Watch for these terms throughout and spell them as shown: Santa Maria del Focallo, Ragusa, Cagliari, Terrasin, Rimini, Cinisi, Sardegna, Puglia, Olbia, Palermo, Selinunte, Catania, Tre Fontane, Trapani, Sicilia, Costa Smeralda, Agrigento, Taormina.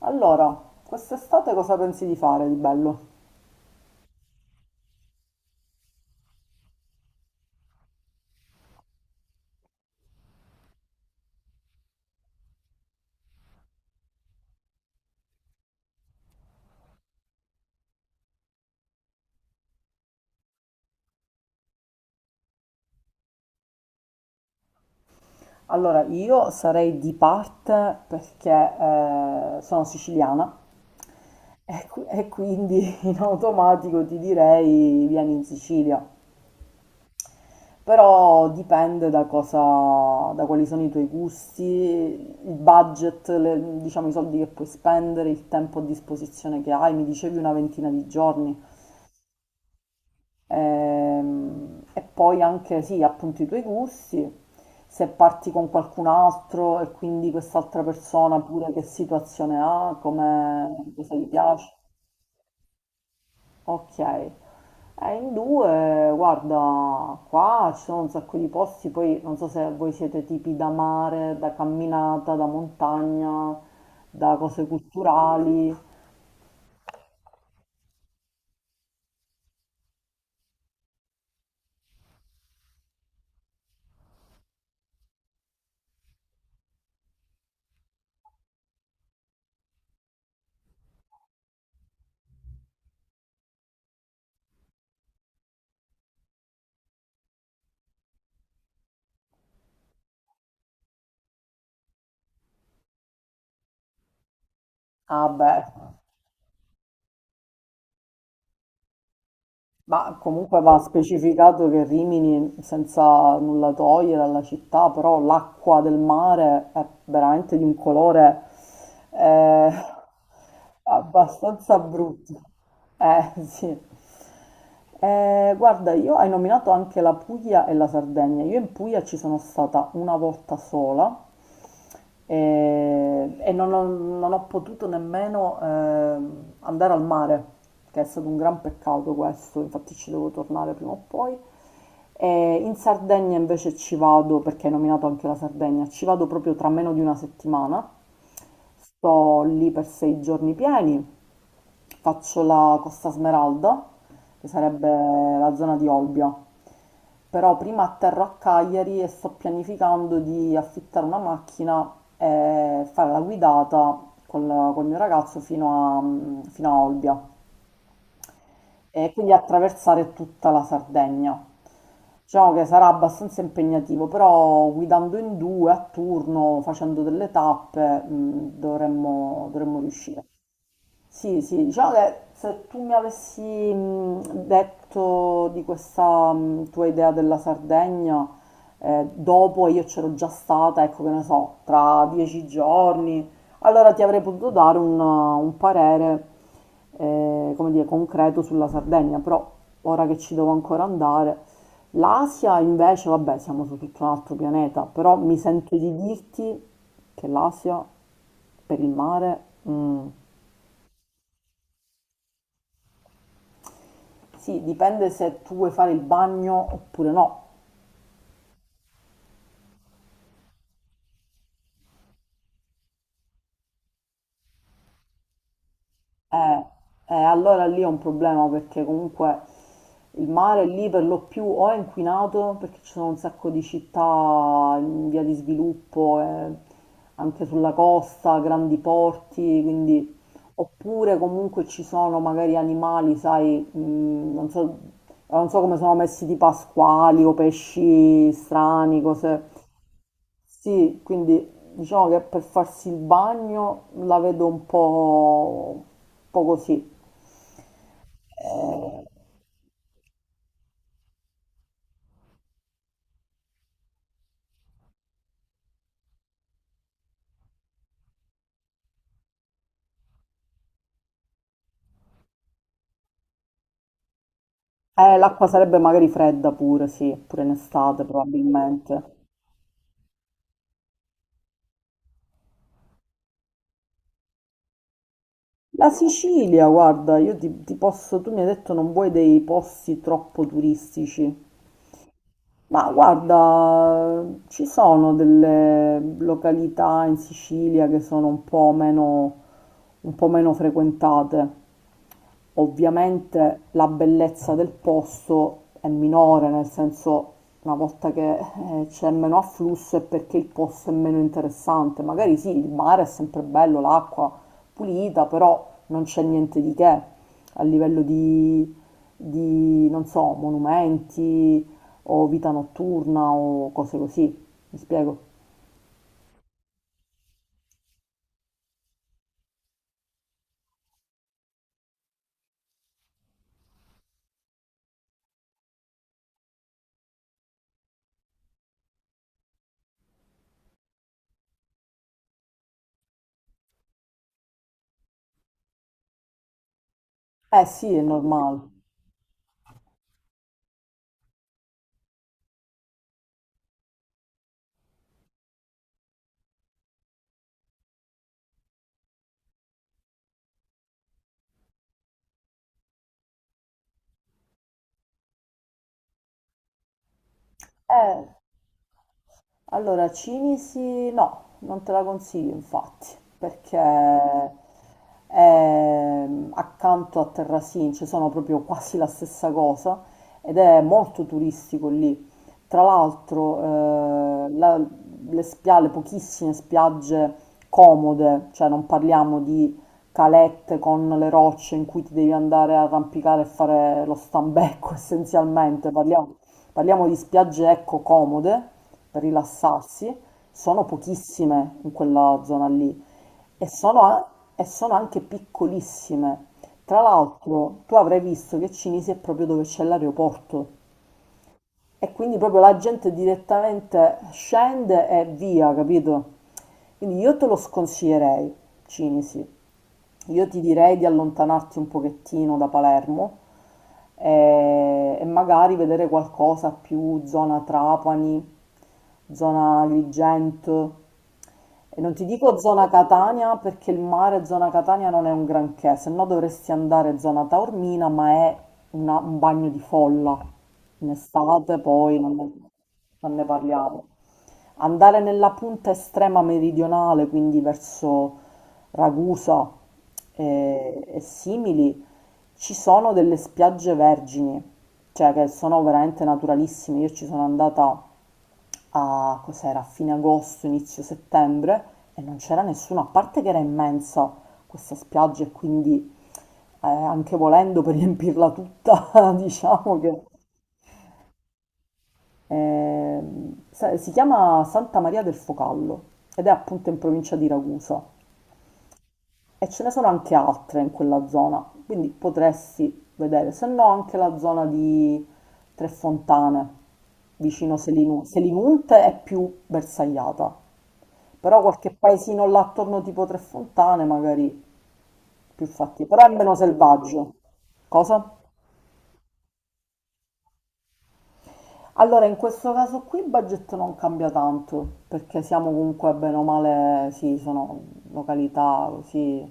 Allora, quest'estate cosa pensi di fare di bello? Allora, io sarei di parte perché sono siciliana e quindi in automatico ti direi vieni in Sicilia. Però dipende da cosa, da quali sono i tuoi gusti, il budget, diciamo i soldi che puoi spendere, il tempo a disposizione che hai. Mi dicevi una ventina di giorni. E poi anche, sì, appunto i tuoi gusti, se parti con qualcun altro e quindi quest'altra persona pure che situazione ha, come, cosa gli piace. Ok. In due, guarda, qua ci sono un sacco di posti, poi non so se voi siete tipi da mare, da camminata, da montagna, da cose culturali. Ah, beh. Ma comunque va specificato che Rimini, senza nulla togliere alla città, però l'acqua del mare è veramente di un colore eh, abbastanza brutto. Sì. Guarda, io hai nominato anche la Puglia e la Sardegna. Io in Puglia ci sono stata una volta sola e non ho potuto nemmeno andare al mare, che è stato un gran peccato questo, infatti ci devo tornare prima o poi. E in Sardegna invece ci vado, perché hai nominato anche la Sardegna, ci vado proprio tra meno di una settimana, sto lì per 6 giorni pieni. Faccio la Costa Smeralda, che sarebbe la zona di Olbia. Però prima atterro a Cagliari e sto pianificando di affittare una macchina e fare la guidata col mio ragazzo fino a Olbia e quindi attraversare tutta la Sardegna. Diciamo che sarà abbastanza impegnativo, però guidando in due a turno, facendo delle tappe, dovremmo riuscire. Sì, sì, diciamo che se tu mi avessi detto di questa tua idea della Sardegna, dopo io c'ero già stata, ecco che ne so, tra 10 giorni, allora ti avrei potuto dare un parere, come dire, concreto sulla Sardegna, però ora che ci devo ancora andare. L'Asia invece, vabbè, siamo su tutto un altro pianeta, però mi sento di dirti che l'Asia per il mare. mm, Sì, dipende se tu vuoi fare il bagno oppure no. Eh, allora lì è un problema perché comunque il mare lì per lo più o è inquinato perché ci sono un sacco di città in via di sviluppo, anche sulla costa, grandi porti, quindi oppure comunque ci sono magari animali, sai, non so come sono messi tipo pasquali o pesci strani, cose. Sì, quindi diciamo che per farsi il bagno la vedo un po' così. Eh, l'acqua sarebbe magari fredda pure, sì, pure in estate probabilmente. La Sicilia, guarda, io ti posso, tu mi hai detto non vuoi dei posti troppo turistici. Ma guarda, ci sono delle località in Sicilia che sono un po' meno frequentate. Ovviamente la bellezza del posto è minore, nel senso una volta che c'è meno afflusso è perché il posto è meno interessante. Magari sì, il mare è sempre bello, l'acqua pulita, però non c'è niente di che a livello di, non so, monumenti o vita notturna o cose così, mi spiego? Eh sì, è normale. Eh. Allora, Cinisi no, non te la consiglio infatti, perché è accanto a Terrasin, ci sono proprio quasi la stessa cosa ed è molto turistico lì. Tra l'altro, le pochissime spiagge comode, cioè non parliamo di calette con le rocce in cui ti devi andare a arrampicare e fare lo stambecco essenzialmente, parliamo di spiagge ecco comode rilassarsi, sono pochissime in quella zona lì e sono, a- e sono anche piccolissime. Tra l'altro, tu avrai visto che Cinisi è proprio dove c'è l'aeroporto e quindi proprio la gente direttamente scende e via, capito? Quindi io te lo sconsiglierei, Cinisi. Io ti direi di allontanarti un pochettino da Palermo magari vedere qualcosa più zona Trapani, zona Agrigento. E non ti dico zona Catania perché il mare zona Catania non è un granché, se no dovresti andare zona Taormina, ma è un bagno di folla. In estate poi non ne parliamo. Andare nella punta estrema meridionale, quindi verso Ragusa e simili, ci sono delle spiagge vergini, cioè che sono veramente naturalissime. Io ci sono andata a, cos'era, a fine agosto, inizio settembre e non c'era nessuno, a parte che era immensa questa spiaggia e quindi anche volendo per riempirla tutta, diciamo che. Si chiama Santa Maria del Focallo ed è appunto in provincia di Ragusa e ce ne sono anche altre in quella zona, quindi potresti vedere, se no anche la zona di Tre Fontane, vicino Selinunte è più bersagliata, però qualche paesino là attorno tipo Tre Fontane magari più fatti, però è meno selvaggio. Cosa? Allora, in questo caso qui il budget non cambia tanto, perché siamo comunque bene o male, sì, sono località così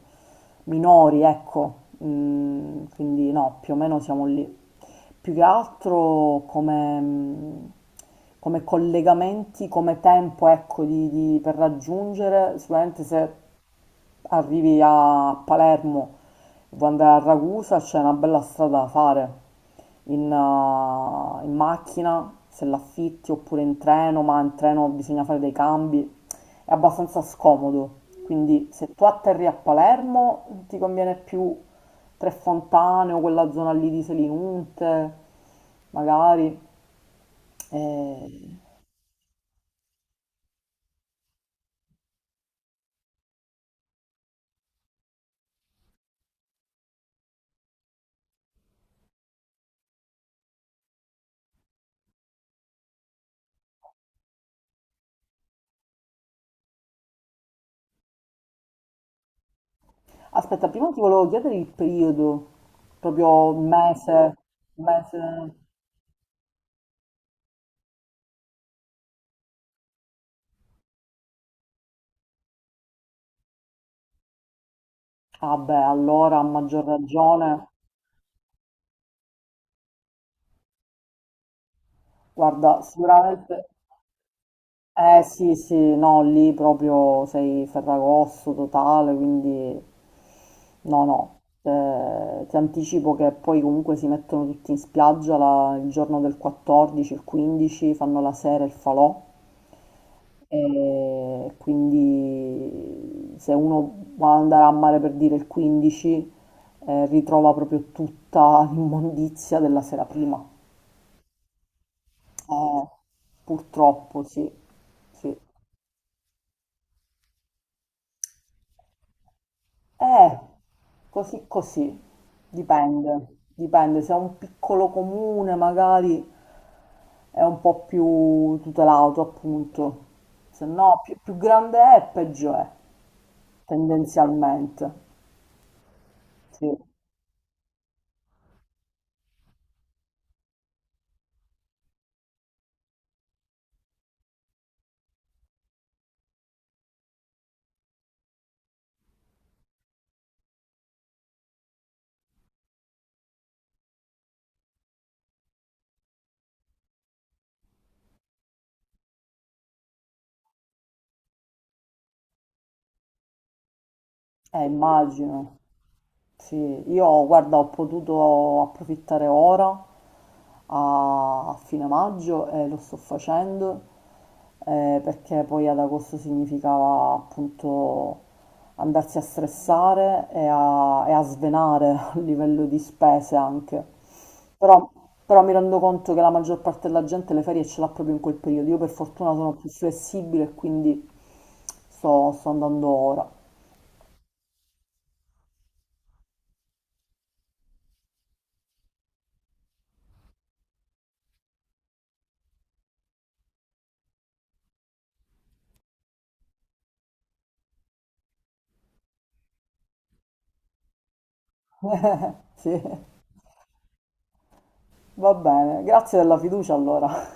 minori, ecco. Quindi no, più o meno siamo lì. Più che altro come, come collegamenti, come tempo, ecco, per raggiungere, sicuramente se arrivi a Palermo e vuoi andare a Ragusa, c'è una bella strada da fare in macchina, se l'affitti, oppure in treno, ma in treno bisogna fare dei cambi, è abbastanza scomodo. Quindi se tu atterri a Palermo ti conviene più Tre Fontane o quella zona lì di Selinunte, magari. Eh, Aspetta, prima ti volevo chiedere il periodo, proprio il mese, il mese. Ah beh, allora a maggior ragione, guarda, sicuramente, eh sì, sì, no, lì proprio sei ferragosto totale, quindi no, no, ti anticipo che poi comunque si mettono tutti in spiaggia il giorno del 14, il 15, fanno la sera il falò. E quindi se uno vuole andare a mare per dire il 15, ritrova proprio tutta l'immondizia della sera prima. Eh, purtroppo sì, sì. Eh, così così, dipende, dipende, se è un piccolo comune magari è un po' più tutelato appunto, se no più grande è peggio è, tendenzialmente, sì, immagino. Sì, io guarda, ho potuto approfittare ora a fine maggio e lo sto facendo perché poi ad agosto significava appunto andarsi a stressare e a svenare a livello di spese anche. Però, però mi rendo conto che la maggior parte della gente le ferie ce l'ha proprio in quel periodo. Io per fortuna sono più flessibile e quindi sto andando ora. Sì. Va bene, grazie della fiducia allora.